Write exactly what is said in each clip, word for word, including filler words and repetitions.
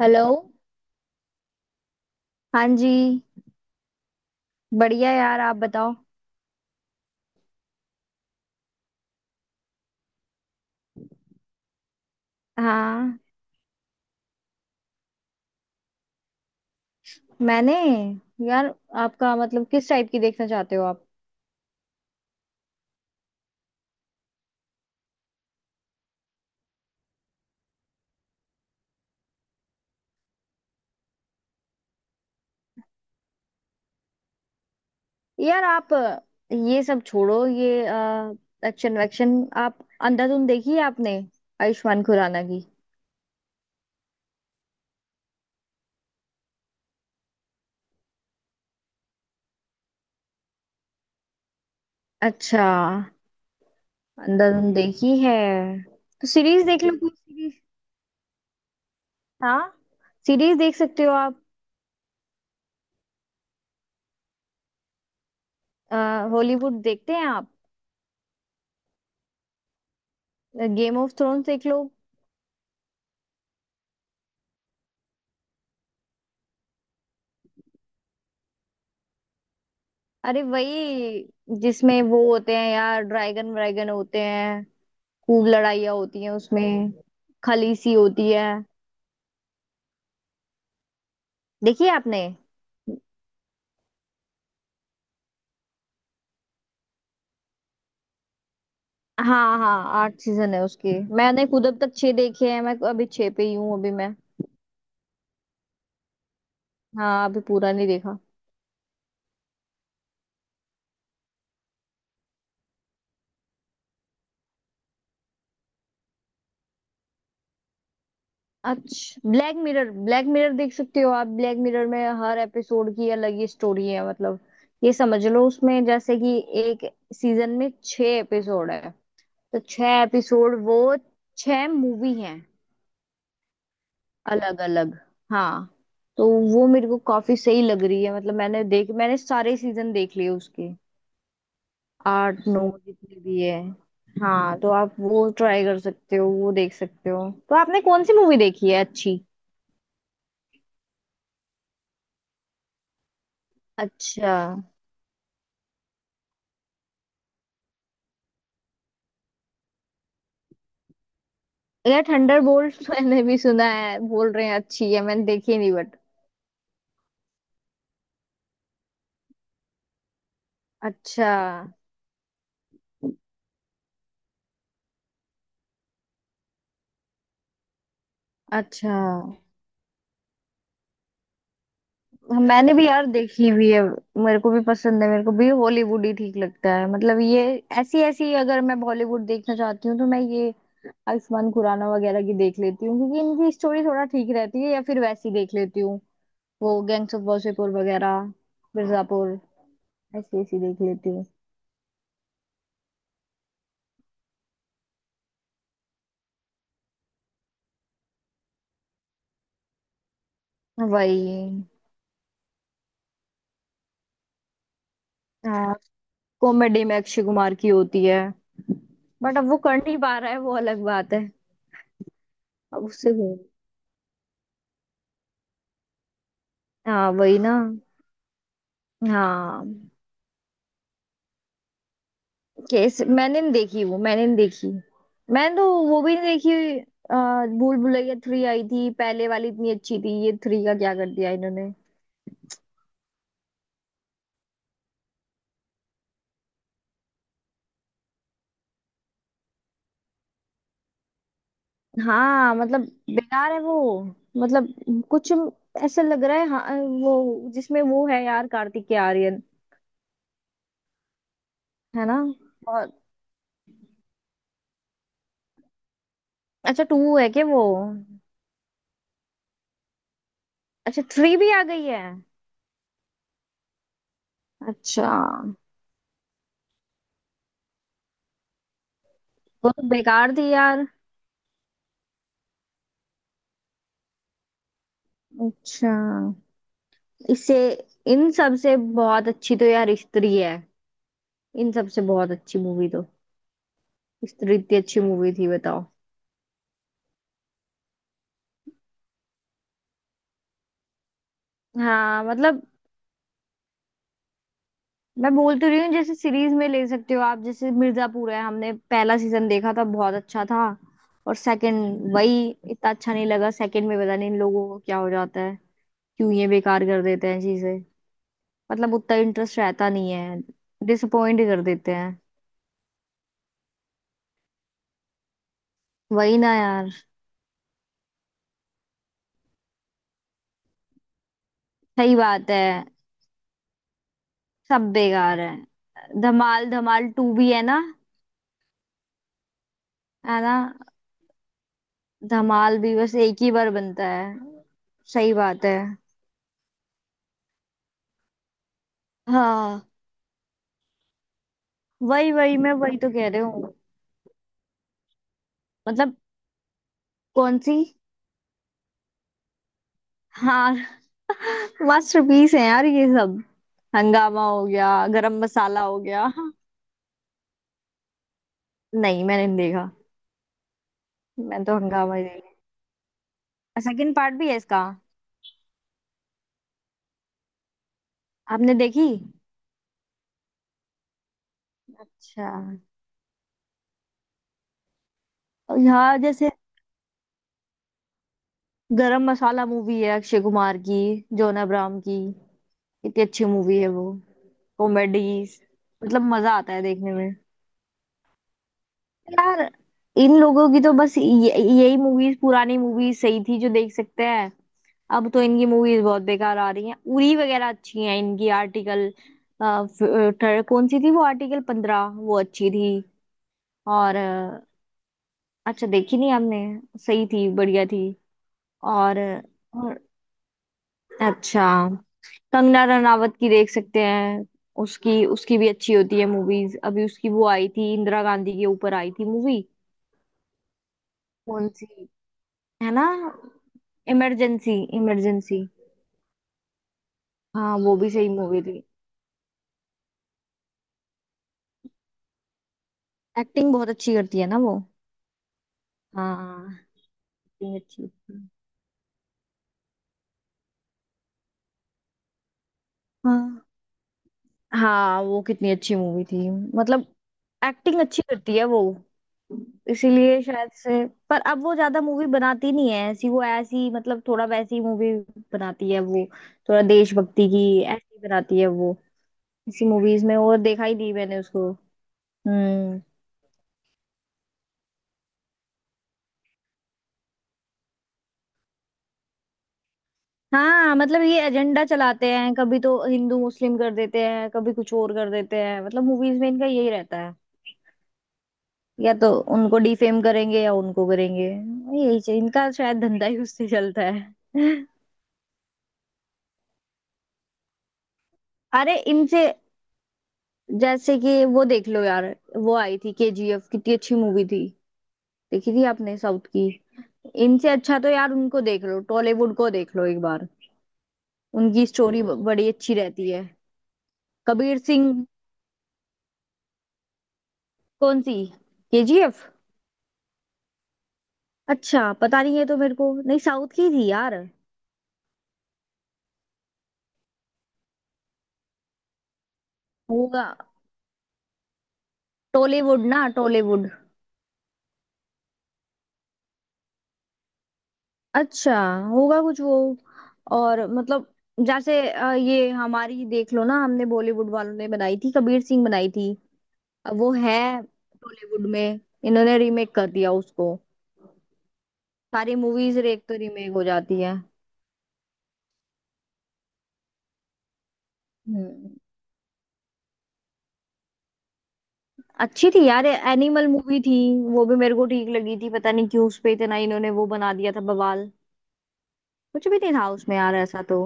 Hello. हाँ जी, बढ़िया यार, आप बताओ। हाँ, मैंने, यार आपका मतलब किस टाइप की देखना चाहते हो आप? यार आप अ, ये सब छोड़ो, ये एक्शन वैक्शन। आप अंधाधुन देखी है आपने, आयुष्मान खुराना की? अच्छा, अंधाधुन देखी है। तो सीरीज देख लो, कोई सीरीज। हाँ, सीरीज देख सकते हो आप। हॉलीवुड देखते हैं आप? गेम ऑफ थ्रोन्स देख लो। अरे वही, जिसमें वो होते हैं यार, ड्रैगन व्रैगन होते हैं, खूब लड़ाइयाँ होती हैं उसमें, खलीसी होती है। देखिए आपने? हाँ हाँ, आठ सीजन है उसकी। मैंने खुद अब तक छह देखे हैं, मैं अभी छह पे ही हूँ अभी मैं। हाँ, अभी पूरा नहीं देखा। अच्छा, ब्लैक मिरर, ब्लैक मिरर देख सकते हो आप। ब्लैक मिरर में हर एपिसोड की अलग ही स्टोरी है, मतलब ये समझ लो उसमें जैसे कि एक सीजन में छह एपिसोड है, तो छह एपिसोड वो छह मूवी हैं, अलग अलग। हाँ, तो वो मेरे को काफी सही लग रही है, मतलब मैंने देख, मैंने सारे सीजन देख लिए उसके, आठ नौ जितने भी है। हाँ तो आप वो ट्राई कर सकते हो, वो देख सकते हो। तो आपने कौन सी मूवी देखी है अच्छी? अच्छा, यार थंडर बोल्ट मैंने भी सुना है, बोल रहे हैं अच्छी है, मैंने देखी नहीं बट। अच्छा। अच्छा, मैंने भी यार देखी हुई है, मेरे को भी पसंद है, मेरे को भी हॉलीवुड ही ठीक लगता है। मतलब ये ऐसी ऐसी, अगर मैं बॉलीवुड देखना चाहती हूँ तो मैं ये आयुष्मान खुराना वगैरह की देख लेती हूँ, क्योंकि इनकी स्टोरी थोड़ा ठीक रहती है, या फिर वैसी देख लेती हूँ, वो गैंग्स ऑफ वासेपुर वगैरह, मिर्जापुर, ऐसी ऐसी देख लेती हूँ। वही। हाँ। कॉमेडी में अक्षय कुमार की होती है, बट अब वो कर नहीं पा रहा है, वो अलग बात है। अब उससे वो- हाँ, वही ना। हाँ, केस मैंने नहीं देखी, वो मैंने नहीं देखी। मैंने तो वो भी नहीं देखी। आ, भूल भुलैया थ्री आई थी, पहले वाली इतनी अच्छी थी, ये थ्री का क्या कर दिया इन्होंने। हाँ मतलब बेकार है वो, मतलब कुछ ऐसा लग रहा है। हाँ वो जिसमें वो है यार, कार्तिक के आर्यन है ना। और अच्छा, टू है क्या वो? अच्छा, थ्री भी आ गई है। अच्छा, वो तो बेकार थी यार। अच्छा, इससे, इन सब से बहुत अच्छी तो यार स्त्री है, इन सबसे बहुत अच्छी मूवी तो। स्त्री इतनी अच्छी मूवी थी, बताओ। हाँ मतलब, मैं बोल तो रही हूँ, जैसे सीरीज में ले सकते हो आप, जैसे मिर्जापुर है, हमने पहला सीजन देखा था, बहुत अच्छा था। और सेकंड वही, इतना अच्छा नहीं लगा सेकंड में। पता नहीं इन लोगों को क्या हो जाता है, क्यों ये बेकार कर देते हैं चीजें, मतलब उतना इंटरेस्ट रहता नहीं है, डिसअपॉइंट कर देते हैं। वही ना यार। सही बात है, सब बेकार है। धमाल, धमाल टू भी है ना, है ना। धमाल भी बस एक ही बार बनता है। सही बात है। हाँ, वही वही, मैं वही तो कह रही हूँ। मतलब, कौन सी? हाँ, मास्टरपीस है यार ये सब। हंगामा हो गया, गरम मसाला हो गया। नहीं, मैंने नहीं देखा, मैं तो हंगामा ही देखा। सेकंड पार्ट भी है इसका? आपने देखी? अच्छा। और यहाँ जैसे गरम मसाला मूवी है अक्षय कुमार की, जॉन अब्राहम की, कितनी अच्छी मूवी है वो। कॉमेडी, मतलब मजा आता है देखने। यार इन लोगों की तो बस ये-, यही मूवीज, पुरानी मूवीज सही थी जो देख सकते हैं। अब तो इनकी मूवीज बहुत बेकार आ रही हैं। उरी वगैरह अच्छी हैं इनकी। आर्टिकल, कौन सी थी वो, आर्टिकल पंद्रह, वो अच्छी थी। और अ, अच्छा, देखी नहीं हमने। सही थी, बढ़िया थी। और, और अच्छा, कंगना रनावत की देख सकते हैं, उसकी, उसकी भी अच्छी होती है मूवीज। अभी उसकी वो आई थी, इंदिरा गांधी के ऊपर आई थी मूवी, कौन सी, है ना, इमरजेंसी, इमरजेंसी। हाँ, वो भी सही मूवी थी। एक्टिंग बहुत अच्छी करती है ना वो। हाँ, एक्टिंग अच्छी थी। हाँ हाँ, वो कितनी अच्छी मूवी थी, मतलब एक्टिंग अच्छी करती है वो, इसीलिए शायद से। पर अब वो ज्यादा मूवी बनाती नहीं है ऐसी, वो ऐसी मतलब थोड़ा वैसी मूवी बनाती है वो, थोड़ा देशभक्ति की ऐसी बनाती है वो। इसी मूवीज में वो देखा ही नहीं मैंने उसको। हम्म। हाँ मतलब, ये एजेंडा चलाते हैं, कभी तो हिंदू मुस्लिम कर देते हैं, कभी कुछ और कर देते हैं, मतलब मूवीज में इनका यही रहता है। या तो उनको डिफेम करेंगे, या उनको करेंगे, यही चाहिए इनका, शायद धंधा ही उससे चलता है। अरे इनसे, जैसे कि वो देख लो यार, वो आई थी केजीएफ, कितनी अच्छी मूवी थी। देखी थी आपने, साउथ की? इनसे अच्छा तो यार उनको देख लो, टॉलीवुड को देख लो एक बार, उनकी स्टोरी बड़ी अच्छी रहती है। कबीर सिंह। कौन सी? केजीएफ। अच्छा, पता नहीं है, तो मेरे को नहीं, साउथ की थी यार। होगा। टॉलीवुड, ना टॉलीवुड। अच्छा, होगा कुछ वो। और मतलब, जैसे अ, ये हमारी देख लो ना, हमने बॉलीवुड वालों ने बनाई थी कबीर सिंह, बनाई थी। अब वो है टॉलीवुड में, इन्होंने रीमेक कर दिया उसको। सारी मूवीज एक तो रीमेक हो जाती है। हम्म। अच्छी थी यार, एनिमल मूवी थी, वो भी मेरे को ठीक लगी थी। पता नहीं क्यों उस पे इतना इन्होंने वो बना दिया था, बवाल। कुछ भी नहीं था उसमें यार ऐसा तो।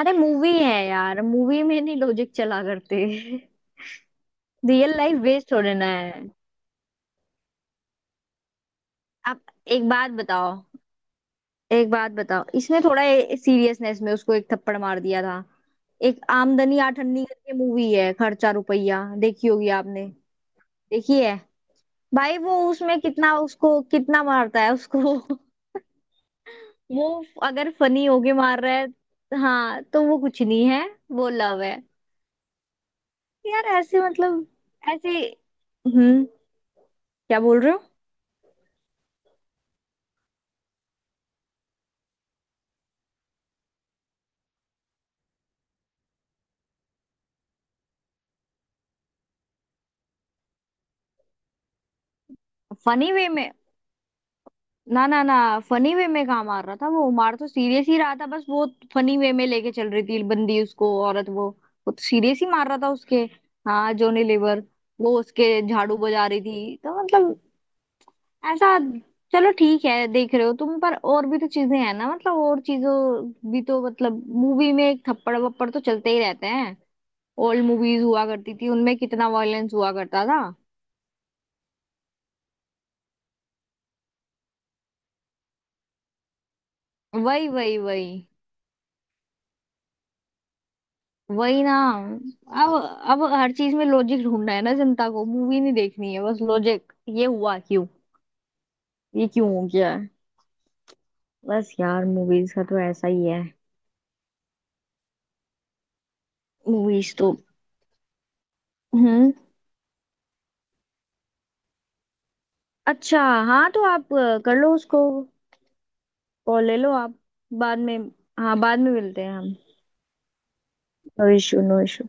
अरे मूवी है यार, मूवी में नहीं लॉजिक चला करते, रियल लाइफ वेस्ट हो रहना है। आप एक बात बताओ, एक बात बताओ, इसने थोड़ा सीरियसनेस में उसको एक थप्पड़ मार दिया था। एक आमदनी आठन्नी करके मूवी है, खर्चा रुपया, देखी होगी आपने। देखी है? भाई वो उसमें कितना, उसको कितना मारता है उसको। वो, अगर फनी होके मार रहा है, हाँ, तो वो कुछ नहीं है, वो लव है। यार ऐसे मतलब, ऐसे। हम्म, क्या बोल रहे हो? फनी वे में, ना ना ना, फनी वे में कहाँ मार रहा था वो, मार तो सीरियस ही रहा था, बस वो फनी वे में लेके चल रही थी बंदी उसको, औरत वो। वो तो सीरियस ही मार रहा था उसके। हाँ, जोनी लीवर, वो उसके झाड़ू बजा रही थी तो, मतलब ऐसा। चलो ठीक है, देख रहे हो तुम, पर और भी तो चीजें हैं ना, मतलब और चीजों भी तो, मतलब मूवी में एक थप्पड़ वप्पड़ तो चलते ही रहते हैं। ओल्ड मूवीज हुआ करती थी, उनमें कितना वायलेंस हुआ करता था। वही वही वही। वही ना। अब अब हर चीज में लॉजिक ढूंढना है ना जनता को, मूवी नहीं देखनी है, बस लॉजिक, ये हुआ क्यों, ये क्यों हो गया है। बस यार मूवीज का तो ऐसा ही है। मूवीज तो, हम्म। अच्छा, हाँ, तो आप अ, कर लो उसको, कॉल ले लो आप, बाद में। हाँ, बाद में मिलते हैं हम। No issue, no issue.